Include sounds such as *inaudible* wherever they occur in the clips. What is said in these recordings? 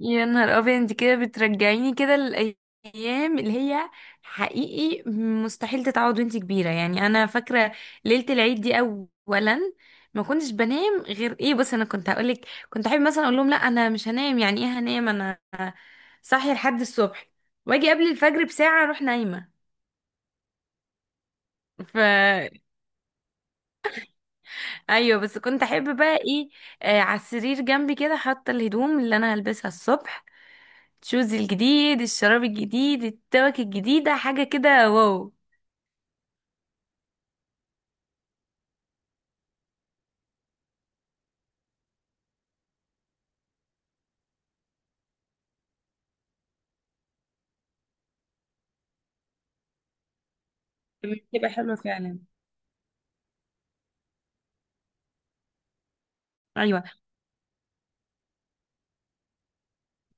يا نهار ابيض، انت كده بترجعيني كده الايام اللي هي حقيقي مستحيل تتعوض وانت كبيره. يعني انا فاكره ليله العيد دي. اولا ما كنتش بنام، غير ايه، بص انا كنت هقولك، كنت احب مثلا اقول لهم لا انا مش هنام. يعني ايه هنام؟ انا صاحيه لحد الصبح واجي قبل الفجر بساعه اروح نايمه. ف ايوه، بس كنت احب بقى ايه، على السرير جنبي كده حاطه الهدوم اللي انا هلبسها الصبح، شوز الجديد، الشراب الجديد، التوك الجديدة، حاجة كده واو. بتبقى حلوة فعلا. ايوه.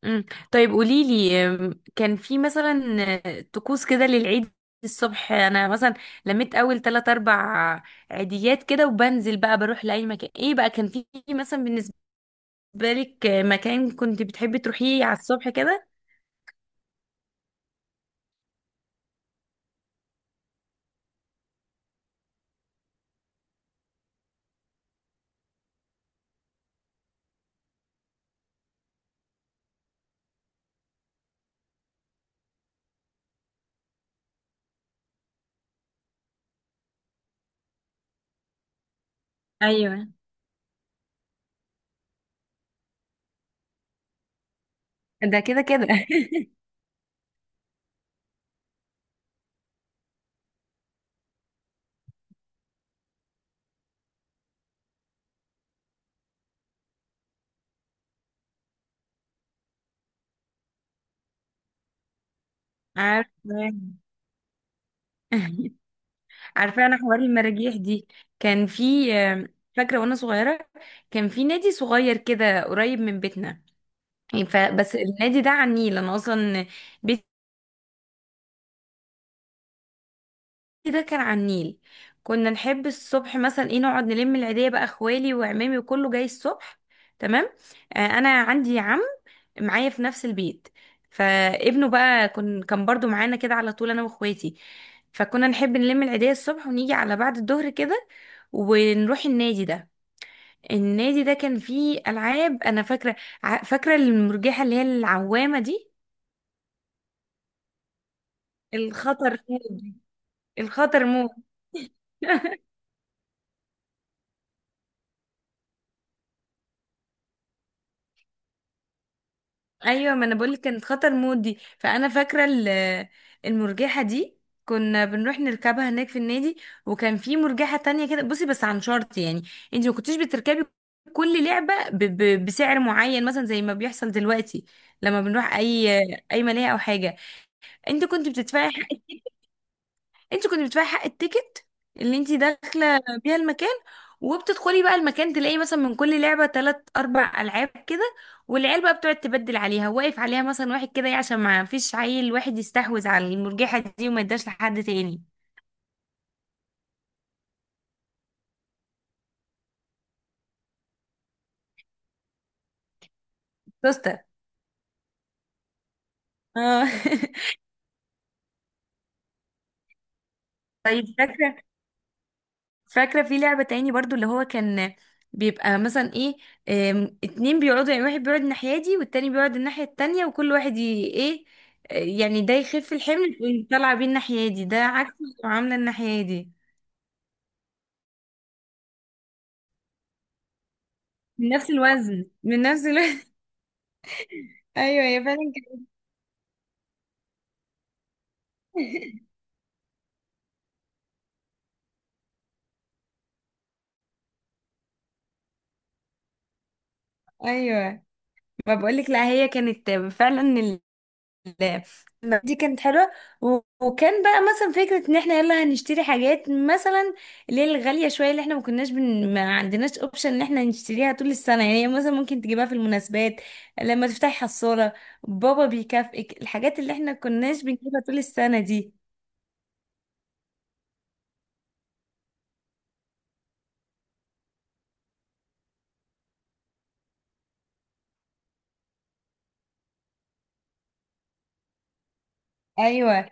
امم طيب قولي لي، كان في مثلا طقوس كده للعيد؟ الصبح انا مثلا لميت اول تلات اربع عيديات كده وبنزل بقى بروح لاي مكان. ايه بقى كان في مثلا بالنسبه لك، مكان كنت بتحبي تروحيه على الصبح كده؟ ايوه ده كده كده. *laughs* عارفه. *laughs* عارفه انا حوار المراجيح دي. كان في فاكره وانا صغيره كان في نادي صغير كده قريب من بيتنا. فبس النادي ده على النيل، انا اصلا بيتي ده كان على النيل. كنا نحب الصبح مثلا ايه، نقعد نلم العيديه بقى، اخوالي وعمامي وكله جاي الصبح. تمام. انا عندي عم معايا في نفس البيت، فابنه بقى كان برضو معانا كده على طول انا واخواتي. فكنا نحب نلم العيديه الصبح ونيجي على بعد الظهر كده ونروح النادي ده. النادي ده كان فيه العاب. انا فاكره، فاكره المرجحه اللي هي العوامه دي، الخطر مود دي، الخطر مود. *laughs* ايوه ما انا بقولك كانت خطر مود دي. فانا فاكره المرجحه دي كنا بنروح نركبها هناك في النادي. وكان في مرجحه تانية كده، بصي، بس عن شرط يعني. انت ما كنتيش بتركبي كل لعبه ب بسعر معين، مثلا زي ما بيحصل دلوقتي لما بنروح اي ملاهي او حاجه. انت كنت بتدفعي حق، انت كنت بتدفعي حق التيكت اللي انت داخله بيها المكان. وبتدخلي بقى المكان تلاقي مثلا من كل لعبه تلات اربع العاب كده، والعيال بقى بتقعد تبدل عليها، واقف عليها مثلا واحد كده ايه عشان ما فيش عيل واحد يستحوذ على المرجحه دي وما يداش لحد تاني. توستة، اه. *laughs* طيب فاكره، فاكرة في لعبة تاني برضو اللي هو كان بيبقى مثلا ايه، اتنين بيقعدوا، يعني واحد بيقعد الناحية دي والتاني بيقعد الناحية التانية وكل واحد ايه، يعني ده يخف الحمل ويطلع بيه الناحية دي، ده عكس المعاملة الناحية دي. من نفس الوزن، من نفس الوزن. *laughs* ايوه هي فعلا كده. *laughs* ايوه ما بقولك، لا هي كانت فعلا، لا دي كانت حلوة. وكان بقى مثلا فكرة ان احنا يلا هنشتري حاجات مثلا اللي هي الغالية شوية، اللي احنا ما كناش ما عندناش اوبشن ان احنا نشتريها طول السنة. يعني هي مثلا ممكن تجيبها في المناسبات لما تفتحي حصالة، بابا بيكافئك الحاجات اللي احنا كناش بنجيبها طول السنة دي. ايوه.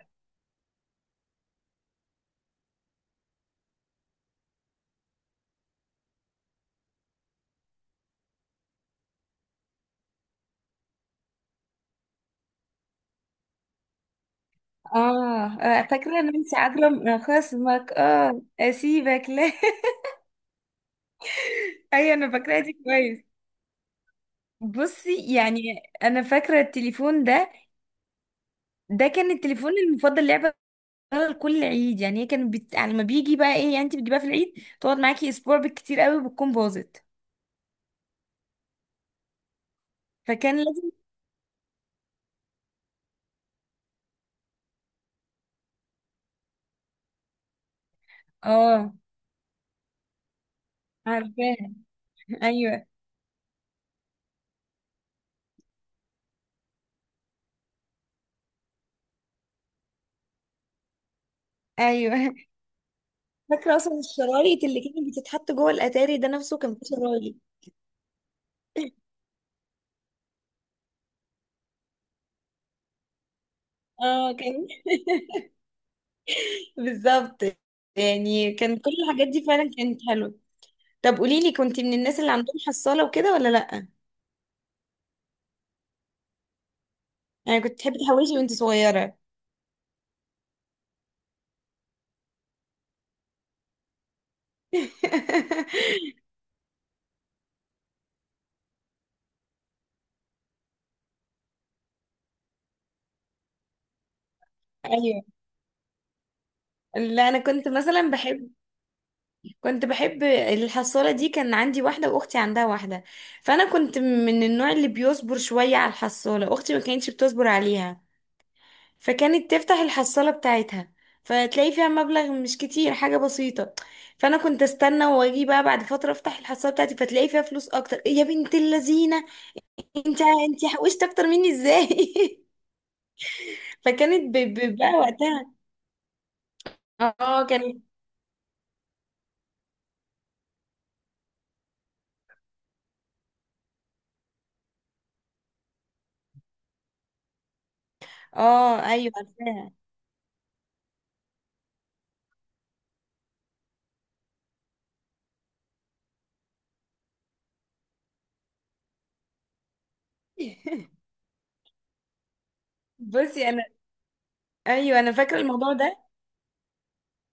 اه، فاكرة نانسي عجرم، خصمك اه اسيبك لا. *laughs* ايوه انا فاكراها دي كويس. بصي يعني انا فاكره التليفون ده، ده كان التليفون المفضل لعبه. بتشتغل كل عيد، يعني هي يعني لما بيجي بقى ايه، يعني انت بتجيبها في العيد تقعد معاكي اسبوع بالكتير قوي بتكون باظت. فكان لازم. اه. عارفاه، ايوه. ايوه. *laughs* فاكره اصلا الشرايط اللي كانت بتتحط جوه الاتاري ده، نفسه كان فيه شرايط. اه كان. *laughs* بالظبط. يعني كان كل الحاجات دي فعلا كانت حلوه. طب قولي لي، كنت من الناس اللي عندهم حصاله وكده ولا لا؟ يعني كنت تحبي تحوشي وانت صغيره؟ *laughs* ايوه، لا انا كنت مثلا بحب، كنت بحب الحصالة دي. كان عندي واحدة وأختي عندها واحدة. فأنا كنت من النوع اللي بيصبر شوية على الحصالة، أختي ما كانتش بتصبر عليها، فكانت تفتح الحصالة بتاعتها فتلاقي فيها مبلغ مش كتير، حاجة بسيطة. فأنا كنت استنى وأجي بقى بعد فترة أفتح الحصالة بتاعتي فتلاقي فيها فلوس أكتر. إيه يا بنت اللذينة، أنت أنت حوشت أكتر مني إزاي؟ *laughs* فكانت بقى وقتها. اه كانت. اه أيوه عارفاها. *laughs* بصي أنا، ايوه انا فاكره الموضوع ده.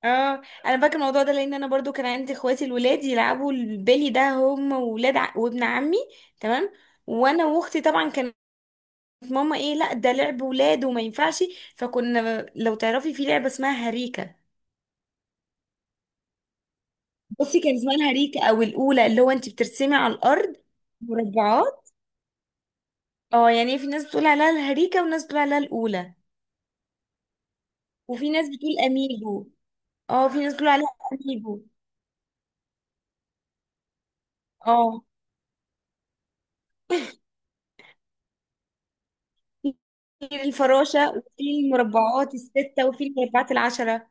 اه انا فاكره الموضوع ده لان انا برضو كان عندي اخواتي الولاد يلعبوا البلي ده هم وابن عمي. تمام. وانا واختي طبعا كانت ماما ايه، لا ده لعب ولاد وما ينفعش. فكنا، لو تعرفي، في لعبه اسمها هريكه. بصي كان اسمها الهريكه او الاولى، اللي هو انت بترسمي على الارض مربعات. اه يعني إيه؟ في ناس بتقول عليها الهريكه وناس بتقول عليها الاولى، وفي ناس بتقول اميجو. اه، في ناس بتقول عليها اميجو. اه، في الفراشة وفي المربعات الستة وفي المربعات العشرة.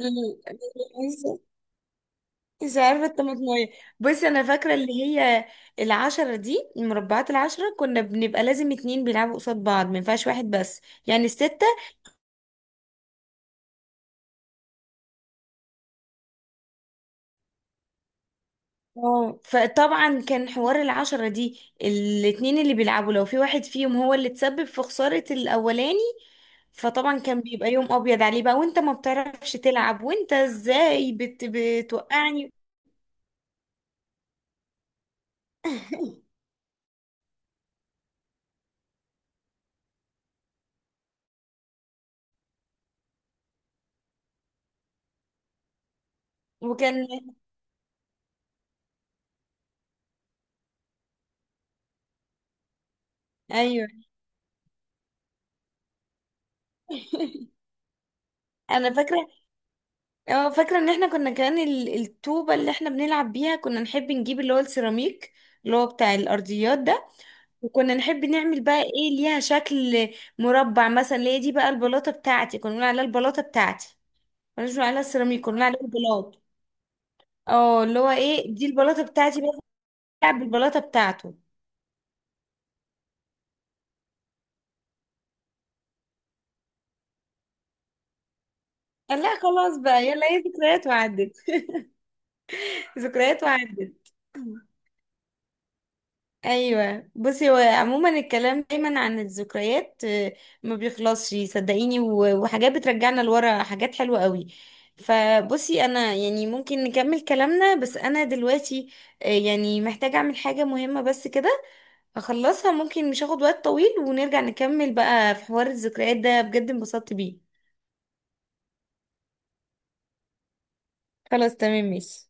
ال- مش مش عارفة الطماطمية. بس أنا فاكرة اللي هي العشرة دي، المربعات العشرة كنا بنبقى لازم اتنين بيلعبوا قصاد بعض، ما ينفعش واحد بس. يعني الستة، اه. فطبعا كان حوار العشرة دي الاتنين اللي بيلعبوا، لو في واحد فيهم هو اللي تسبب في خسارة الأولاني، فطبعا كان بيبقى يوم أبيض عليه بقى. وانت ما بتعرفش تلعب، وانت ازاي بتوقعني؟ *laughs* وكان. ايوه. *laughs* انا فاكره. اه فاكره ان احنا كنا كمان الطوبه اللي احنا بنلعب بيها كنا نحب نجيب اللي هو السيراميك، اللي هو بتاع الارضيات ده. وكنا نحب نعمل بقى ايه، ليها شكل مربع مثلا، اللي هي دي بقى البلاطه بتاعتي، كنا بنقول عليها البلاطه بتاعتي، كنا بنقول عليها السيراميك، كنا بنقول عليها البلاط. اه، اللي هو ايه دي البلاطه بتاعتي بقى، بيلعب بالبلاطه بتاعته. قال لا خلاص بقى، يلا هي ذكريات وعدت. *laughs* ذكريات وعدت. ايوه بصي هو عموما الكلام دايما عن الذكريات، ما بيخلصش صدقيني. وحاجات بترجعنا لورا حاجات حلوه قوي. فبصي انا يعني ممكن نكمل كلامنا، بس انا دلوقتي يعني محتاجه اعمل حاجه مهمه بس كده اخلصها، ممكن مش هاخد وقت طويل ونرجع نكمل بقى في حوار الذكريات ده، بجد انبسطت بيه. خلاص تمام ماشي.